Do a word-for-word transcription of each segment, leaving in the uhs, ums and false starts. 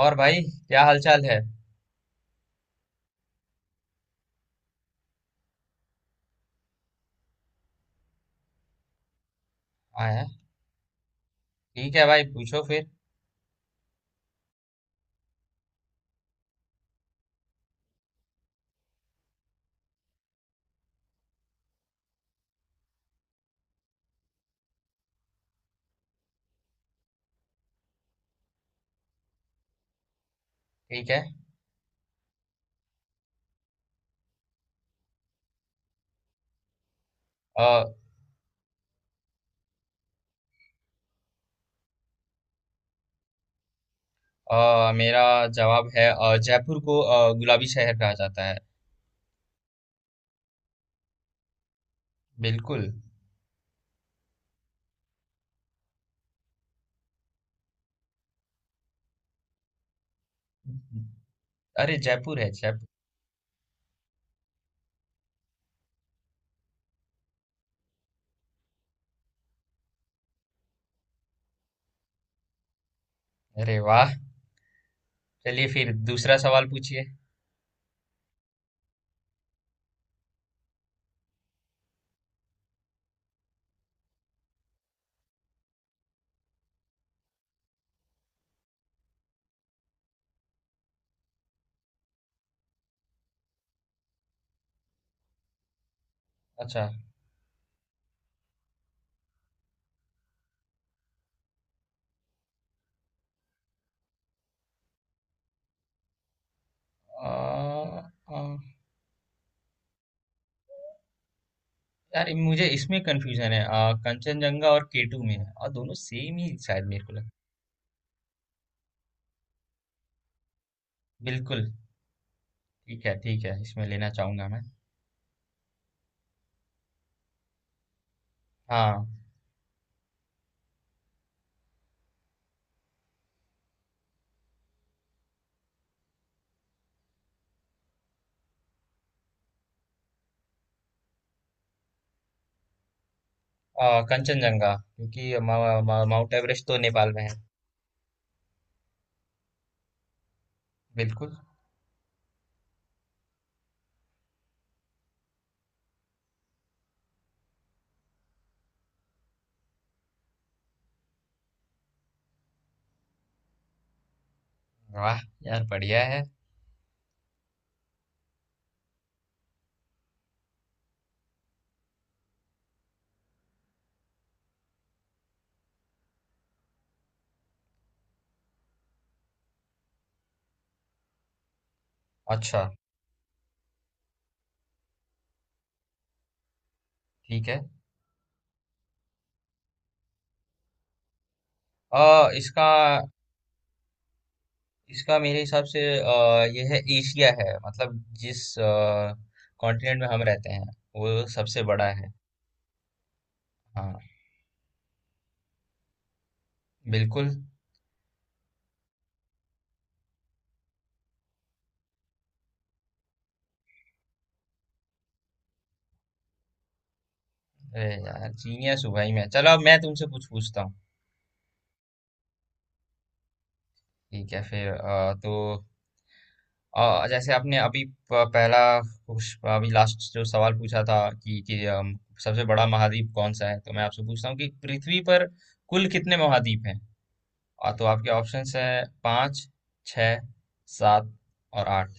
और भाई, क्या हालचाल है? आया। ठीक है भाई, पूछो फिर। ठीक है। अ, अ, मेरा जवाब है अ, जयपुर को अ, गुलाबी शहर कहा जाता है। बिल्कुल। अरे, जयपुर है जयपुर। अरे वाह। चलिए फिर दूसरा सवाल पूछिए। अच्छा। अ, अ, यार, मुझे इसमें कंफ्यूजन है। अ, कंचनजंगा और केटू में है, और दोनों सेम ही शायद, मेरे को लगता। बिल्कुल। ठीक है, ठीक है, इसमें लेना चाहूंगा मैं। हाँ। आ, कंचनजंगा, क्योंकि मा- मा- माउंट एवरेस्ट तो नेपाल में है। बिल्कुल। वाह, यार बढ़िया है। अच्छा। ठीक है। आ, इसका इसका मेरे हिसाब से आ, ये है, एशिया है, मतलब जिस कॉन्टिनेंट में हम रहते हैं वो सबसे बड़ा है। हाँ। बिल्कुल। अरे यार, जीनियस हूँ भाई मैं। चलो, अब मैं तुमसे कुछ पूछता हूँ। ठीक है फिर। आ, तो अ, जैसे आपने अभी प- पहला कुछ, अभी लास्ट जो सवाल पूछा था कि, कि अम, सबसे बड़ा महाद्वीप कौन सा है, तो मैं आपसे पूछता हूँ कि पृथ्वी पर कुल कितने महाद्वीप हैं। और तो आपके ऑप्शंस हैं पाँच, छः, सात और आठ।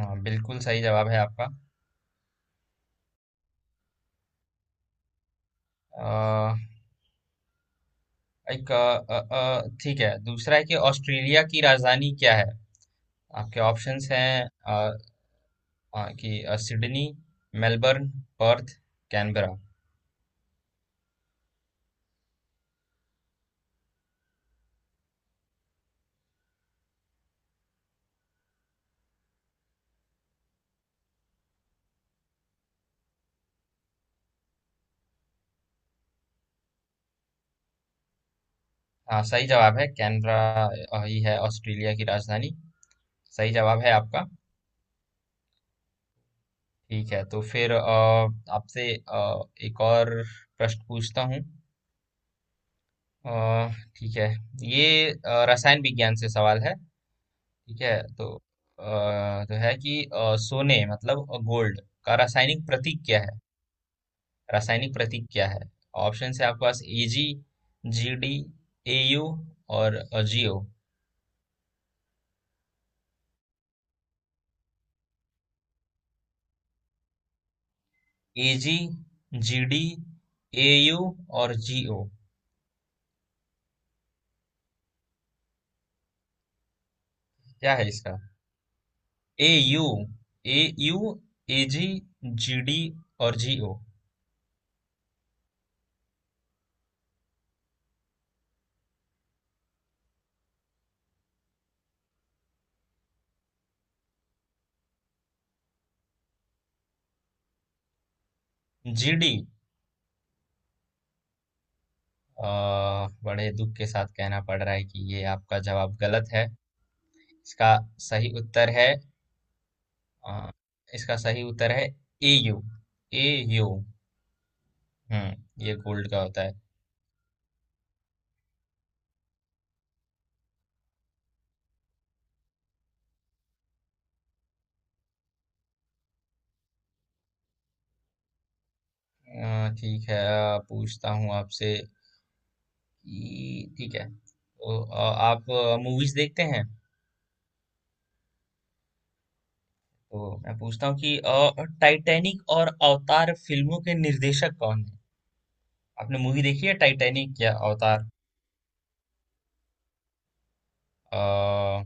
हाँ, बिल्कुल सही जवाब है आपका। अ, एक अ, अ, अ, ठीक है, दूसरा है कि ऑस्ट्रेलिया की राजधानी क्या है। आपके ऑप्शंस हैं अ, अ, कि अ, सिडनी, मेलबर्न, पर्थ, कैनबरा। हाँ, सही जवाब है, कैनबरा अ, ही है ऑस्ट्रेलिया की राजधानी। सही जवाब है आपका। ठीक है, तो फिर अ, आपसे अ, एक और प्रश्न पूछता हूँ। अ, ठीक है, ये अ, रसायन विज्ञान से सवाल है। ठीक है, तो अ, तो है कि अ, सोने, मतलब गोल्ड का रासायनिक प्रतीक क्या है? रासायनिक प्रतीक क्या है? ऑप्शन है आपके पास एजी, जीडी, एयू और जीओ। एजी, जीडी, एयू और जीओ। क्या है इसका? AU, AU. एजी, जीडी और जीओ। जीडी। बड़े दुख के साथ कहना पड़ रहा है कि ये आपका जवाब गलत है। इसका सही उत्तर है, अ, इसका सही उत्तर है एयू, एयू। हम्म, ये गोल्ड का होता है। अ, ठीक है, अ, पूछता हूँ आपसे कि- ठीक है तो, अ, आप मूवीज देखते हैं। तो मैं पूछता हूँ कि अ, टाइटैनिक और अवतार फिल्मों के निर्देशक कौन है? आपने मूवी देखी है टाइटैनिक या अवतार? अ,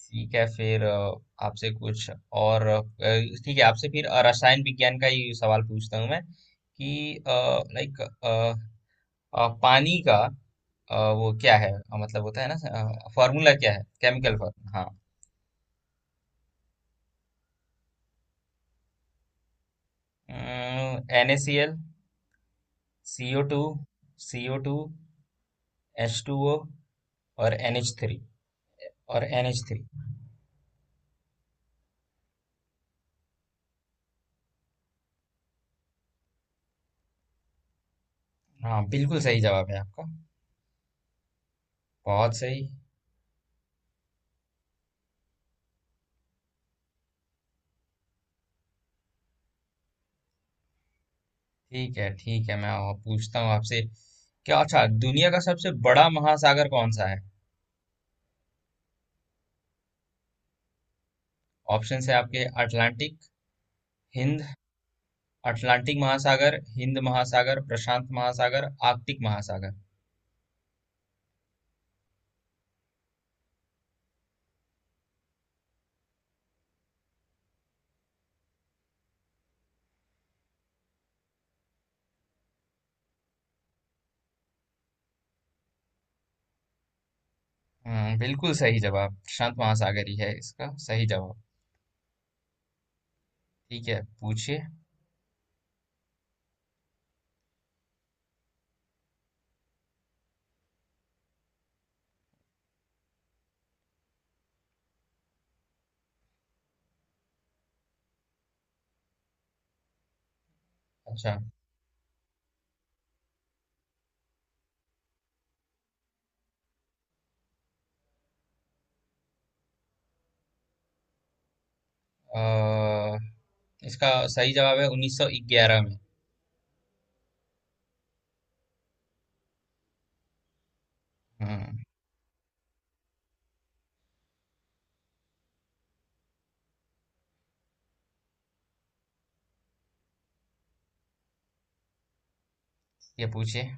ठीक है फिर अ, आपसे कुछ और, अ, ठीक है, आपसे फिर अ, रसायन विज्ञान का ही सवाल पूछता हूँ मैं, कि लाइक पानी का अ, वो क्या है, अ, मतलब होता है ना, फॉर्मूला क्या है, केमिकल फॉर्मूला? हाँ। N A C L, C O two, C O two, H two O और एन एच थ्री। और एन एच थ्री। हाँ, बिल्कुल सही जवाब है आपका। बहुत सही। ठीक है, ठीक है, मैं और पूछता हूँ आपसे। क्या अच्छा, दुनिया का सबसे बड़ा महासागर कौन सा है? ऑप्शंस है आपके, अटलांटिक, हिंद, अटलांटिक महासागर, हिंद महासागर, प्रशांत महासागर, आर्कटिक महासागर। हम्म, बिल्कुल सही जवाब, प्रशांत महासागर ही है इसका सही जवाब। ठीक है, पूछिए। अच्छा। अ, इसका सही जवाब है उन्नीस सौ ग्यारह में। हम्म। ये पूछिए।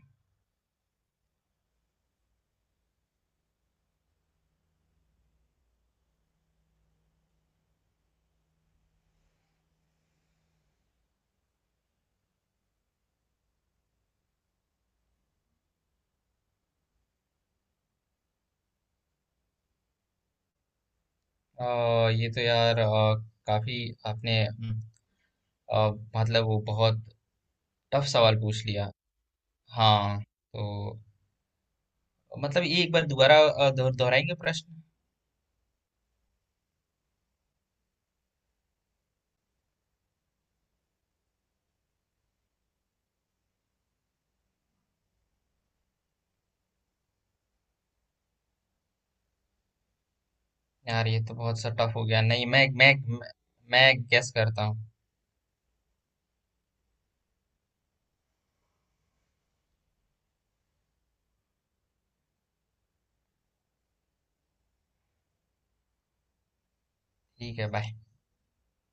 अ, ये तो यार, अ, काफी आपने हम्म, अ, मतलब वो बहुत टफ सवाल पूछ लिया। हाँ तो, मतलब ये एक बार दोबारा अ, दोह- दोहराएंगे प्रश्न। यार, ये तो बहुत सा टफ हो गया, नहीं, मैं मैं मैं, मैं गैस करता हूँ। ठीक है, बाय।